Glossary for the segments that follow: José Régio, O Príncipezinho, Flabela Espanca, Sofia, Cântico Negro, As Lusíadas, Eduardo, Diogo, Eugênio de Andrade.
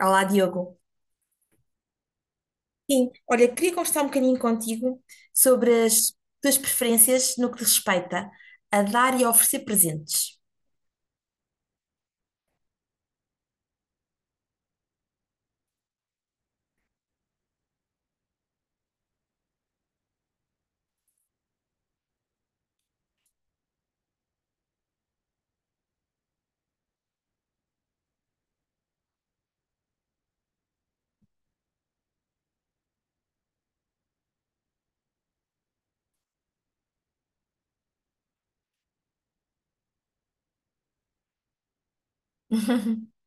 Olá, Diogo. Sim, olha, queria conversar um bocadinho contigo sobre as tuas preferências no que respeita a dar e a oferecer presentes.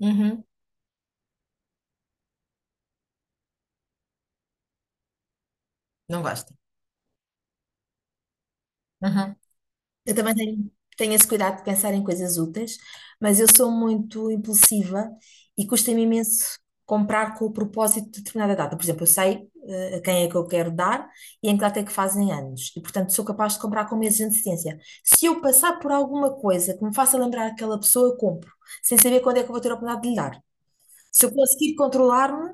Uhum, não gosto. Eu também tenho esse cuidado de pensar em coisas úteis, mas eu sou muito impulsiva e custa-me imenso comprar com o propósito de determinada data. Por exemplo, eu sei a quem é que eu quero dar e em que data é que fazem anos, e portanto sou capaz de comprar com meses de antecedência. Se eu passar por alguma coisa que me faça lembrar aquela pessoa, eu compro, sem saber quando é que eu vou ter a oportunidade de lhe dar. Se eu conseguir controlar-me,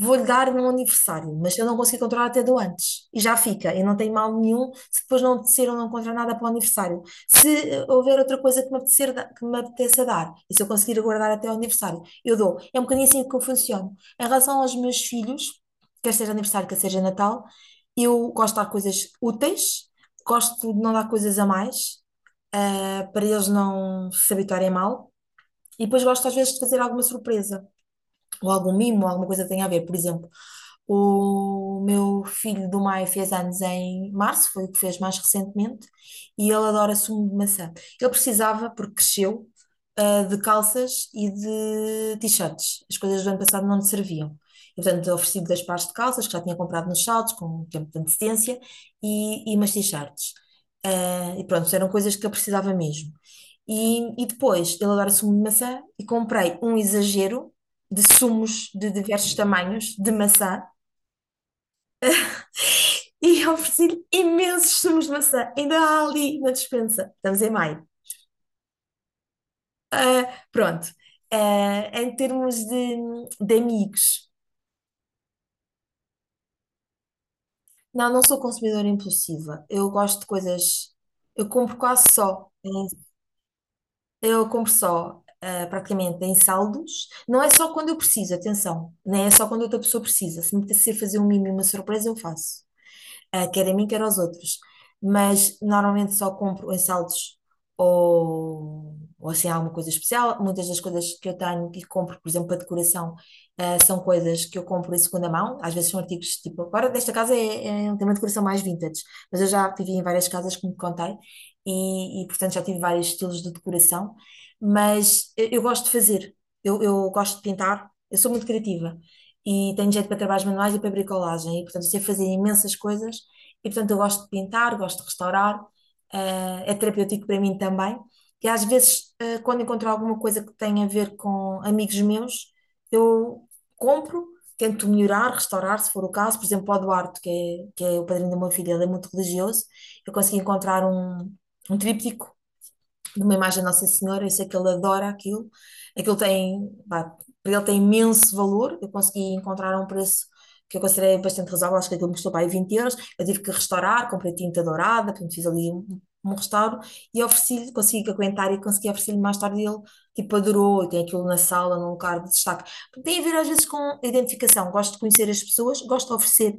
vou-lhe dar no aniversário, mas se eu não conseguir controlar, até dou antes. E já fica, e não tem mal nenhum se depois não apetecer ou não encontrar nada para o aniversário. Se houver outra coisa que me apetecer, que me apeteça dar, e se eu conseguir aguardar até ao aniversário, eu dou. É um bocadinho assim que eu funciono. Em relação aos meus filhos, quer seja aniversário, quer seja Natal, eu gosto de dar coisas úteis, gosto de não dar coisas a mais, para eles não se habituarem mal. E depois gosto às vezes de fazer alguma surpresa ou algum mimo, alguma coisa que tenha a ver. Por exemplo, o meu filho do Maio fez anos em março, foi o que fez mais recentemente, e ele adora sumo de maçã. Ele precisava, porque cresceu, ah, de calças e de t-shirts. As coisas do ano passado não lhe serviam. E, portanto, ofereci-lhe dois pares de calças que já tinha comprado nos saldos, com um tempo de antecedência, e umas t-shirts. Ah, e pronto, eram coisas que ele precisava mesmo. E depois, ele adora sumo de maçã e comprei um exagero de sumos de diversos tamanhos de maçã e eu ofereci-lhe imensos sumos de maçã. Ainda há ali na despensa. Estamos em maio. Ah, pronto. Ah, em termos de, amigos, não, não sou consumidora impulsiva. Eu gosto de coisas. Eu compro quase só. Eu compro só, ah, praticamente, em saldos. Não é só quando eu preciso, atenção. Nem é só quando outra pessoa precisa. Se me apetecer fazer um mimo e uma surpresa, eu faço. Ah, quer a mim, quer aos outros. Mas normalmente só compro em saldos ou assim alguma coisa especial. Muitas das coisas que eu tenho que compro, por exemplo, para decoração, ah, são coisas que eu compro em segunda mão. Às vezes são artigos tipo, agora desta casa tem uma decoração mais vintage, mas eu já vivi em várias casas, como te contei, e portanto já tive vários estilos de decoração. Mas eu gosto de fazer, eu gosto de pintar, eu sou muito criativa e tenho jeito para trabalhos manuais e para bricolagem, e portanto sei fazer imensas coisas e portanto, eu gosto de pintar, gosto de restaurar, é terapêutico para mim também. E às vezes, quando encontro alguma coisa que tenha a ver com amigos meus, eu compro, tento melhorar, restaurar, se for o caso. Por exemplo, para o Eduardo, que é o padrinho da minha filha, ele é muito religioso. Eu consegui encontrar um, tríptico numa imagem da Nossa Senhora. Eu sei que ele adora aquilo, aquilo tem, pá, para ele tem imenso valor. Eu consegui encontrar um preço que eu considerei bastante razoável, acho que aquilo me custou para aí 20 euros. Eu tive que restaurar, comprei tinta dourada, portanto fiz ali um restauro, e ofereci-lhe, consegui aguentar e consegui oferecer-lhe mais tarde. Ele tipo adorou, e tem aquilo na sala, num lugar de destaque. Tem a ver às vezes com identificação, gosto de conhecer as pessoas, gosto de oferecer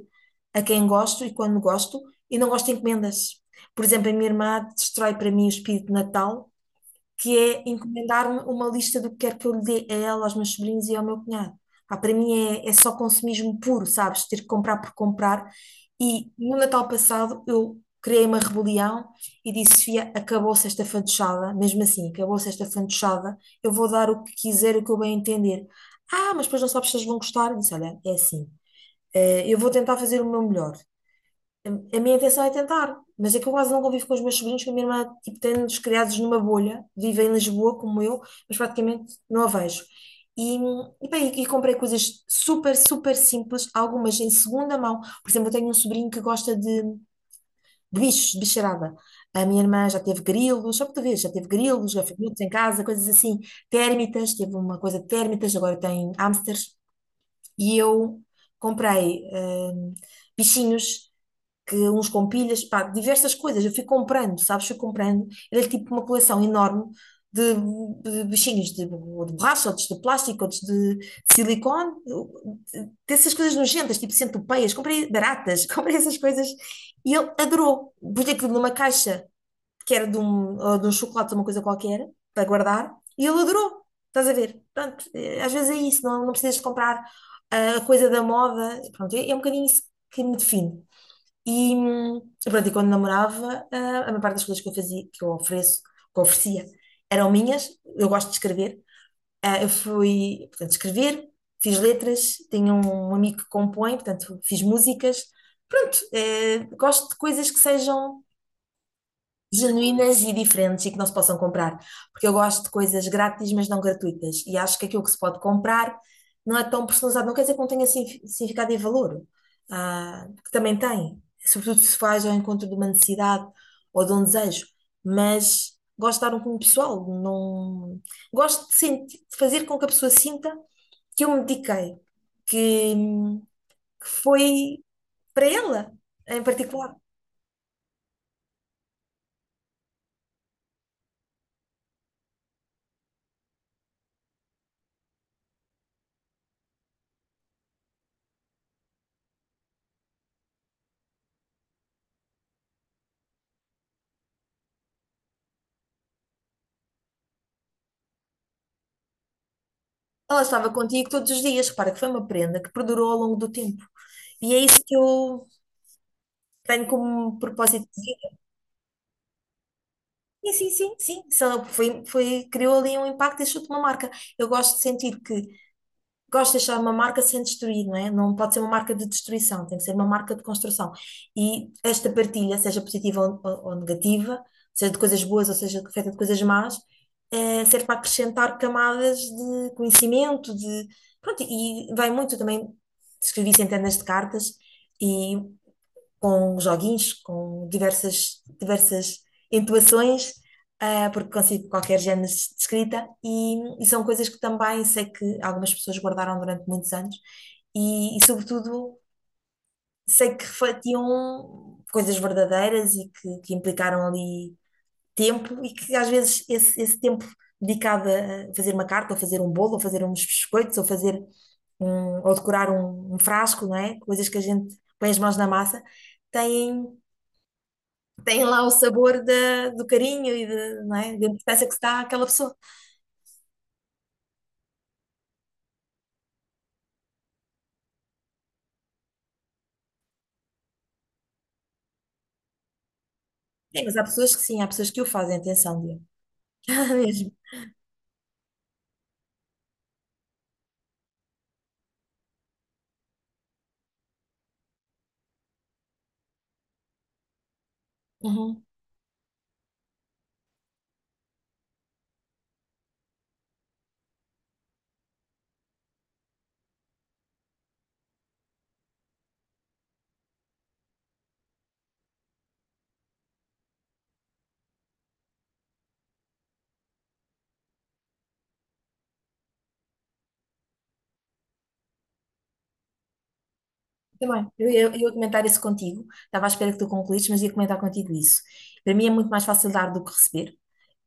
a quem gosto e quando gosto, e não gosto de encomendas. Por exemplo, a minha irmã destrói para mim o espírito de Natal, que é encomendar-me uma lista do que quer que eu lhe dê a ela, aos meus sobrinhos e ao meu cunhado. Pá, para mim é só consumismo puro, sabes? Ter que comprar por comprar. E no Natal passado eu criei uma rebelião e disse: Sofia, acabou-se esta fantochada, mesmo assim, acabou-se esta fantochada, eu vou dar o que quiser, o que eu bem entender. Ah, mas depois não sabes se eles vão gostar. Eu disse: olha, é assim, eu vou tentar fazer o meu melhor. A, a minha intenção é tentar, mas é que eu quase não convivo com os meus sobrinhos, que a minha irmã, tipo, tem-nos criados numa bolha, vive em Lisboa, como eu, mas praticamente não a vejo. Bem, e comprei coisas super, super simples, algumas em segunda mão. Por exemplo, eu tenho um sobrinho que gosta de, bichos, de bicharada. A minha irmã já teve grilos, só para tu veres, já teve grilos, gafanhotos em casa, coisas assim. Térmitas, teve uma coisa de térmitas, agora tem hamsters. E eu comprei, bichinhos que uns com pilhas, pá, diversas coisas. Eu fui comprando, sabes? Fui comprando. Era tipo uma coleção enorme de, de bichinhos ou de borracha, outros de plástico, outros de silicone, dessas coisas nojentas, tipo centopeias. Comprei baratas, comprei essas coisas e ele adorou. Pus aquilo numa caixa que era de um, ou de um chocolate, uma coisa qualquer, para guardar, e ele adorou. Estás a ver? Pronto, às vezes é isso, não, não precisas de comprar ah, a coisa da moda. Pronto, é um bocadinho isso que me define. E, pronto, e quando namorava, ah, a maior parte das coisas que eu fazia, que eu oferecia, eram minhas. Eu gosto de escrever. Ah, eu fui, portanto, escrever, fiz letras, tenho um amigo que compõe, portanto, fiz músicas. Pronto, gosto de coisas que sejam genuínas e diferentes e que não se possam comprar. Porque eu gosto de coisas grátis, mas não gratuitas. E acho que aquilo que se pode comprar não é tão personalizado. Não quer dizer que não tenha significado e valor, ah, que também tem. Sobretudo se faz ao encontro de uma necessidade ou de um desejo. Mas gosto de dar um cunho pessoal. Não. Gosto de sentir, de fazer com que a pessoa sinta que eu me dediquei, que foi para ela, em particular. Ela estava contigo todos os dias. Repara que foi uma prenda que perdurou ao longo do tempo. E é isso que eu tenho como propósito de vida. Sim, sim, sim, sim. Só criou ali um impacto e deixou-te uma marca. Eu gosto de sentir que gosto de deixar uma marca sem destruir, não é? Não pode ser uma marca de destruição, tem que ser uma marca de construção. E esta partilha, seja positiva ou negativa, seja de coisas boas ou seja feita de coisas más, serve para acrescentar camadas de conhecimento. Pronto, e vai muito também, escrevi centenas de cartas, e com joguinhos, com diversas, diversas entoações, ah, porque consigo qualquer género de escrita, e são coisas que também sei que algumas pessoas guardaram durante muitos anos, e sobretudo, sei que refletiam coisas verdadeiras e que implicaram ali tempo, e que às vezes esse tempo dedicado a fazer uma carta, ou fazer um bolo, ou fazer uns biscoitos, ou ou decorar um, frasco, não é? Coisas que a gente põe as mãos na massa, têm tem lá o sabor do carinho e não é? Da importância que se dá àquela pessoa. Sim, mas há pessoas que sim, há pessoas que o fazem, atenção, Diogo. Mesmo. Uhum. Também. Eu ia comentar isso contigo. Estava à espera que tu concluísse, mas ia comentar contigo isso. Para mim é muito mais fácil dar do que receber.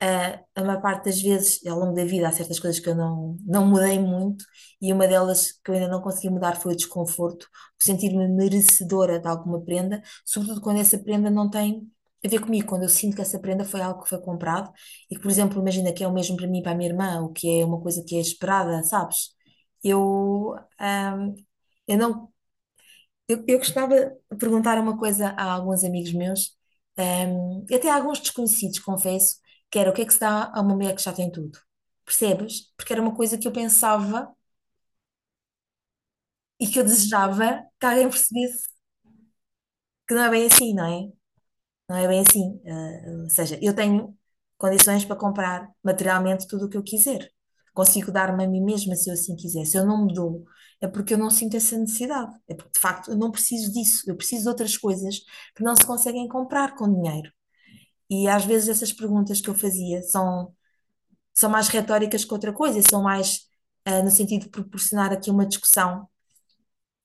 Ah, a maior parte das vezes, ao longo da vida, há certas coisas que eu não, não mudei muito, e uma delas que eu ainda não consegui mudar foi o desconforto, o sentir-me merecedora de alguma prenda, sobretudo quando essa prenda não tem a ver comigo, quando eu sinto que essa prenda foi algo que foi comprado e que, por exemplo, imagina que é o mesmo para mim e para a minha irmã, o que é uma coisa que é esperada, sabes? Eu, ah, eu não eu, eu costumava perguntar uma coisa a alguns amigos meus, e até a alguns desconhecidos, confesso, que era o que é que se dá a uma mulher que já tem tudo? Percebes? Porque era uma coisa que eu pensava e que eu desejava que alguém percebesse que não é bem assim, não é? Não é bem assim. Ah, ou seja, eu tenho condições para comprar materialmente tudo o que eu quiser. Consigo dar-me a mim mesma se eu assim quiser. Se eu não me dou, é porque eu não sinto essa necessidade. É porque, de facto, eu não preciso disso. Eu preciso de outras coisas que não se conseguem comprar com dinheiro. E às vezes essas perguntas que eu fazia são mais retóricas que outra coisa, são mais, no sentido de proporcionar aqui uma discussão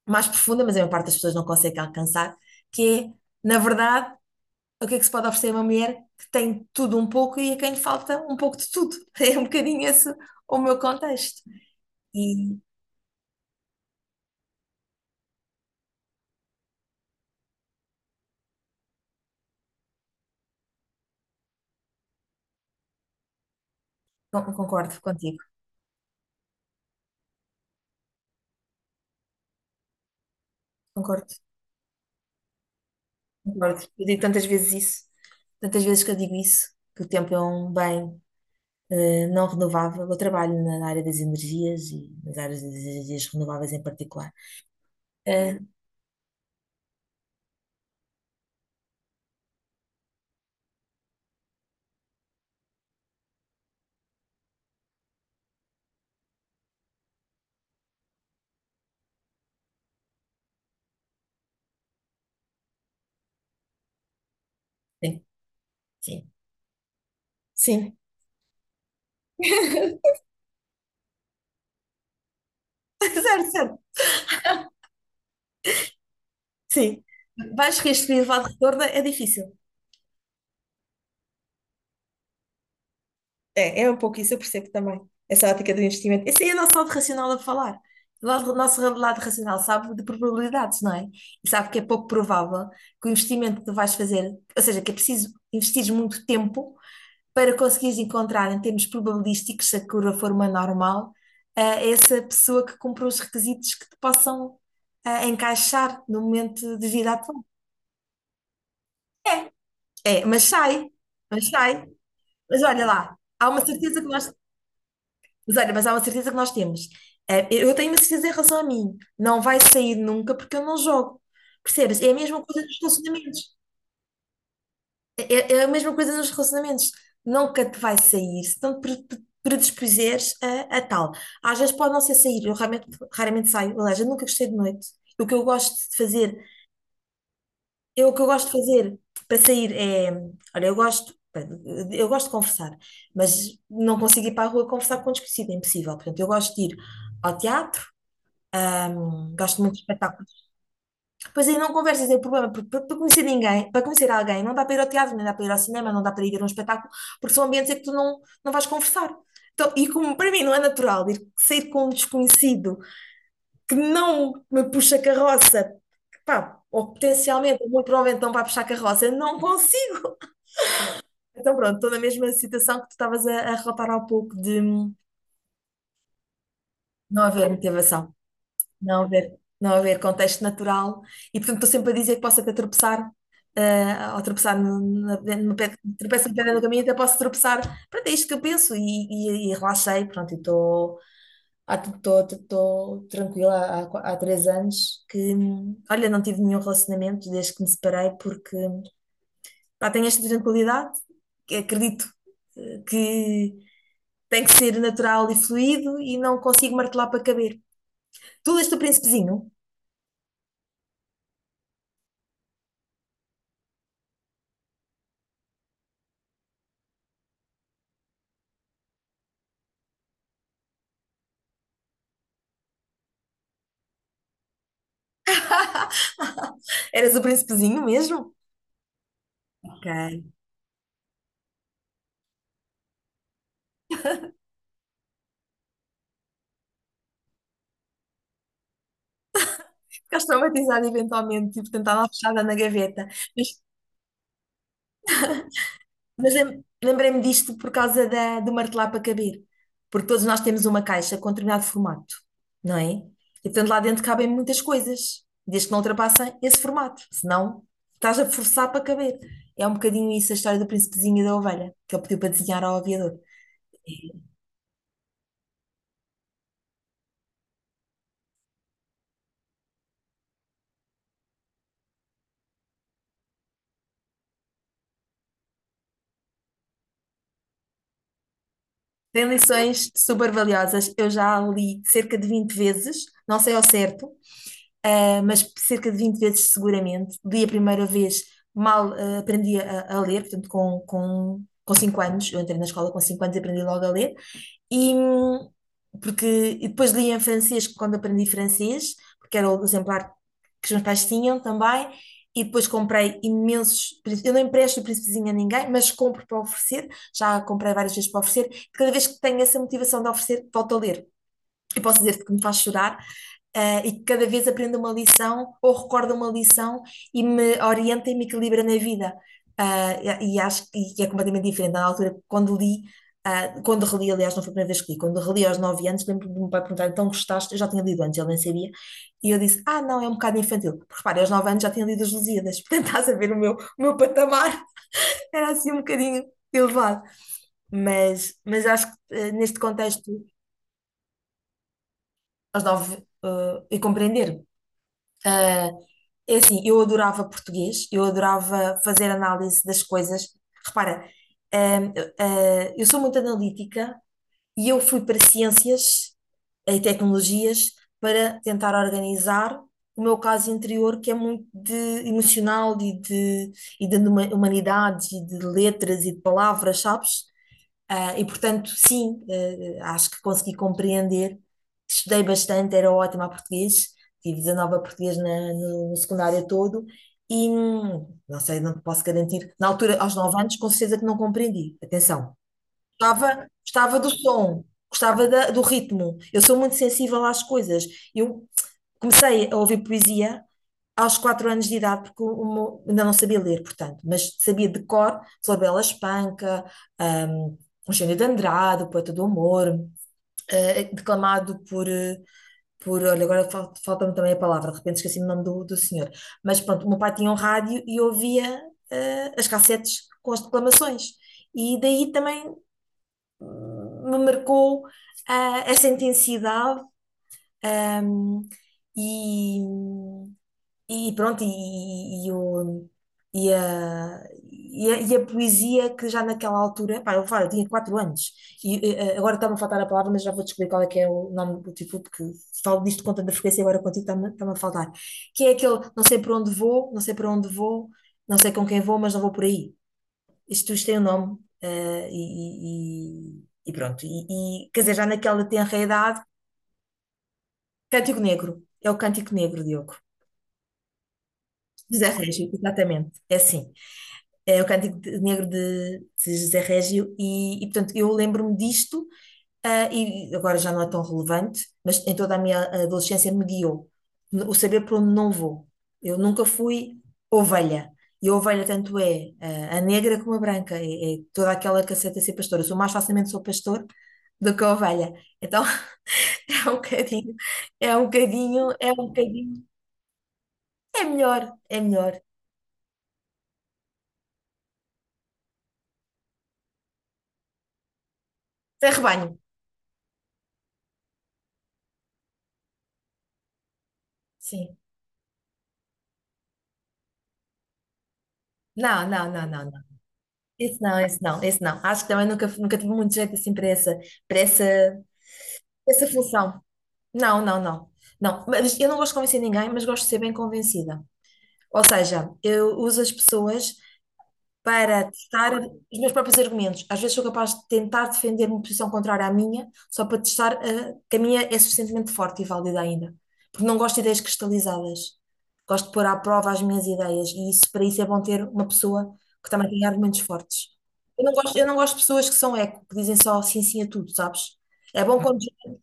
mais profunda, mas a maior parte das pessoas não consegue alcançar, que é, na verdade, o que é que se pode oferecer a uma mulher que tem tudo um pouco e a quem lhe falta um pouco de tudo? É um bocadinho esse o meu contexto. E concordo contigo, concordo, concordo. Eu digo tantas vezes isso, tantas vezes que eu digo isso, que o tempo é um bem não renovável. Eu trabalho na área das energias e nas áreas das energias renováveis em particular. Eh, sim, sim, sim. Certo, certo, sim. Vais restringir o lado de retorno, é difícil. É um pouco isso, eu percebo também. Essa ótica do investimento. Esse aí é o nosso lado racional a falar. O nosso lado racional sabe de probabilidades, não é? E sabe que é pouco provável que o investimento que tu vais fazer, ou seja, que é preciso investir muito tempo para conseguires encontrar, em termos probabilísticos, se a curva for uma normal, essa pessoa que cumpra os requisitos que te possam encaixar no momento de vida atual. é É, mas sai, mas sai. Mas olha lá, há uma certeza que nós. Mas olha, mas há uma certeza que nós temos. Eu tenho uma certeza em relação a mim. Não vai sair nunca porque eu não jogo. Percebes? É a mesma coisa nos relacionamentos. É a mesma coisa nos relacionamentos. Nunca te vai sair se não te predispuseres a tal. Às vezes pode não ser sair. Eu raramente saio. Aliás, eu nunca gostei de noite. O que eu gosto de fazer, o que eu gosto de fazer para sair é. Olha, eu gosto. Eu gosto de conversar, mas não consigo ir para a rua conversar com um desconhecido, é impossível. Portanto, eu gosto de ir ao teatro. Gosto muito de espetáculos. Pois aí não conversas, é o problema, porque para conhecer ninguém, para conhecer alguém, não dá para ir ao teatro, nem dá para ir ao cinema, não dá para ir a um espetáculo, porque são ambientes em que tu não vais conversar. Então, e como para mim não é natural ir sair com um desconhecido que não me puxa carroça, que, pá, ou potencialmente, muito provavelmente não vai puxar carroça, eu não consigo. Então pronto, estou na mesma situação que tu estavas a relatar há pouco de não haver motivação. não haver, não haver contexto natural. E, portanto, estou sempre a dizer que posso até tropeçar, ao tropeçar no pé, tropeço no pedra no caminho, até posso tropeçar. Pronto, é isto que eu penso e relaxei, pronto, e estou ah, estou- estou tranquila há 3 anos que, olha, não tive nenhum relacionamento desde que me separei porque pá, tenho esta tranquilidade, que acredito que tem que ser natural e fluido e não consigo martelar para caber. Tu leste o Príncipezinho? Eras o príncipezinho mesmo? Ok. Ficaste traumatizada eventualmente, tipo, tentava fechada na gaveta. Mas, mas lembrei-me disto por causa da, do martelar para caber. Porque todos nós temos uma caixa com determinado formato, não é? E portanto lá dentro cabem muitas coisas, desde que não ultrapassem esse formato. Senão estás a forçar para caber. É um bocadinho isso a história do príncipezinho e da ovelha, que ele pediu para desenhar ao aviador. Tem lições super valiosas. Eu já a li cerca de 20 vezes, não sei ao certo, mas cerca de 20 vezes seguramente. Li a primeira vez, mal aprendi a ler, portanto, com 5 anos. Eu entrei na escola com 5 anos e aprendi logo a ler. E, hum, porque, e depois li em francês quando aprendi francês, porque era o exemplar que os meus pais tinham também. E depois comprei imensos. Eu não empresto o príncipezinho a ninguém, mas compro para oferecer. Já comprei várias vezes para oferecer. Cada vez que tenho essa motivação de oferecer, volto a ler. Eu posso dizer-te que me faz chorar, e que cada vez aprendo uma lição ou recordo uma lição e me orienta e me equilibra na vida. Ah, e acho que é completamente diferente. Na altura, quando li, quando reli, aliás, não foi a primeira vez que li, quando reli aos 9 anos, lembro do meu pai perguntar, então gostaste? Eu já tinha lido antes, ele nem sabia. E eu disse, ah, não, é um bocado infantil. Porque repara, aos 9 anos já tinha lido As Lusíadas, portanto estás a ver o meu patamar, era assim um bocadinho elevado. Mas acho que neste contexto, aos 9, e compreender. Ah, é assim, eu adorava português, eu adorava fazer análise das coisas. Repara, ah, ah, eu sou muito analítica e eu fui para ciências e tecnologias para tentar organizar o meu caso interior, que é muito de emocional e de, humanidades e de letras e de palavras, sabes? Ah, e portanto, sim, acho que consegui compreender. Estudei bastante, era ótima a português, tive 19 a português no secundário todo e não sei, não te posso garantir. Na altura, aos 9 anos, com certeza que não compreendi. Atenção, gostava, gostava do som, gostava do ritmo. Eu sou muito sensível às coisas. Eu comecei a ouvir poesia aos 4 anos de idade, porque ainda não sabia ler, portanto, mas sabia de cor Flabela Espanca, um, Eugênio de Andrade, o Poeta do Amor, declamado por, olha, agora falta-me também a palavra, de repente esqueci o nome do senhor, mas pronto, o meu pai tinha um rádio e ouvia as cassetes com as declamações, e daí também me marcou essa intensidade, ah, e, e pronto, e, o, e, a, e, a, e a poesia que já naquela altura, pá, eu, falo, eu tinha 4 anos, e agora está-me a faltar a palavra, mas já vou descobrir qual é que é o nome do título, porque falo disto com tanta frequência e agora contigo está-me a faltar. Que é aquele, não sei para onde vou, não sei para onde vou, não sei com quem vou, mas não vou por aí. Isto tem o nome, pronto. Quer dizer, já naquela tenra idade, Cântico Negro, é o Cântico Negro, Diogo. José Régio, exatamente, é assim. É o Cântico Negro de José Régio, portanto eu lembro-me disto, e agora já não é tão relevante, mas em toda a minha adolescência me guiou o saber por onde não vou. Eu nunca fui ovelha, e a ovelha tanto é a negra como a branca, é toda aquela que aceita ser pastora. Eu sou mais facilmente sou pastor do que a ovelha, então é um bocadinho, é um bocadinho, é um bocadinho, é melhor, é melhor, é rebanho, sim. Não, não, não, não. Isso não, isso não, isso não. Acho que também nunca tive muito jeito assim para essa função. Não, não, não. Não, mas eu não gosto de convencer ninguém, mas gosto de ser bem convencida. Ou seja, eu uso as pessoas para testar os meus próprios argumentos. Às vezes sou capaz de tentar defender uma posição contrária à minha, só para testar, que a minha é suficientemente forte e válida ainda. Porque não gosto de ideias cristalizadas. Gosto de pôr à prova as minhas ideias e isso, para isso é bom ter uma pessoa que também tenha argumentos fortes. Eu não gosto de pessoas que são eco, que dizem só sim, sim a tudo, sabes? É bom quando.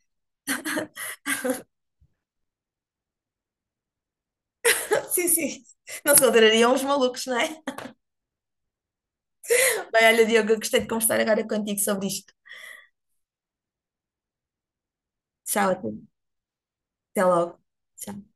Sim, sim. Não se contrariam os malucos, não é? Bem, olha, Diogo, eu gostei de conversar agora contigo sobre isto. Tchau, até logo. Tchau.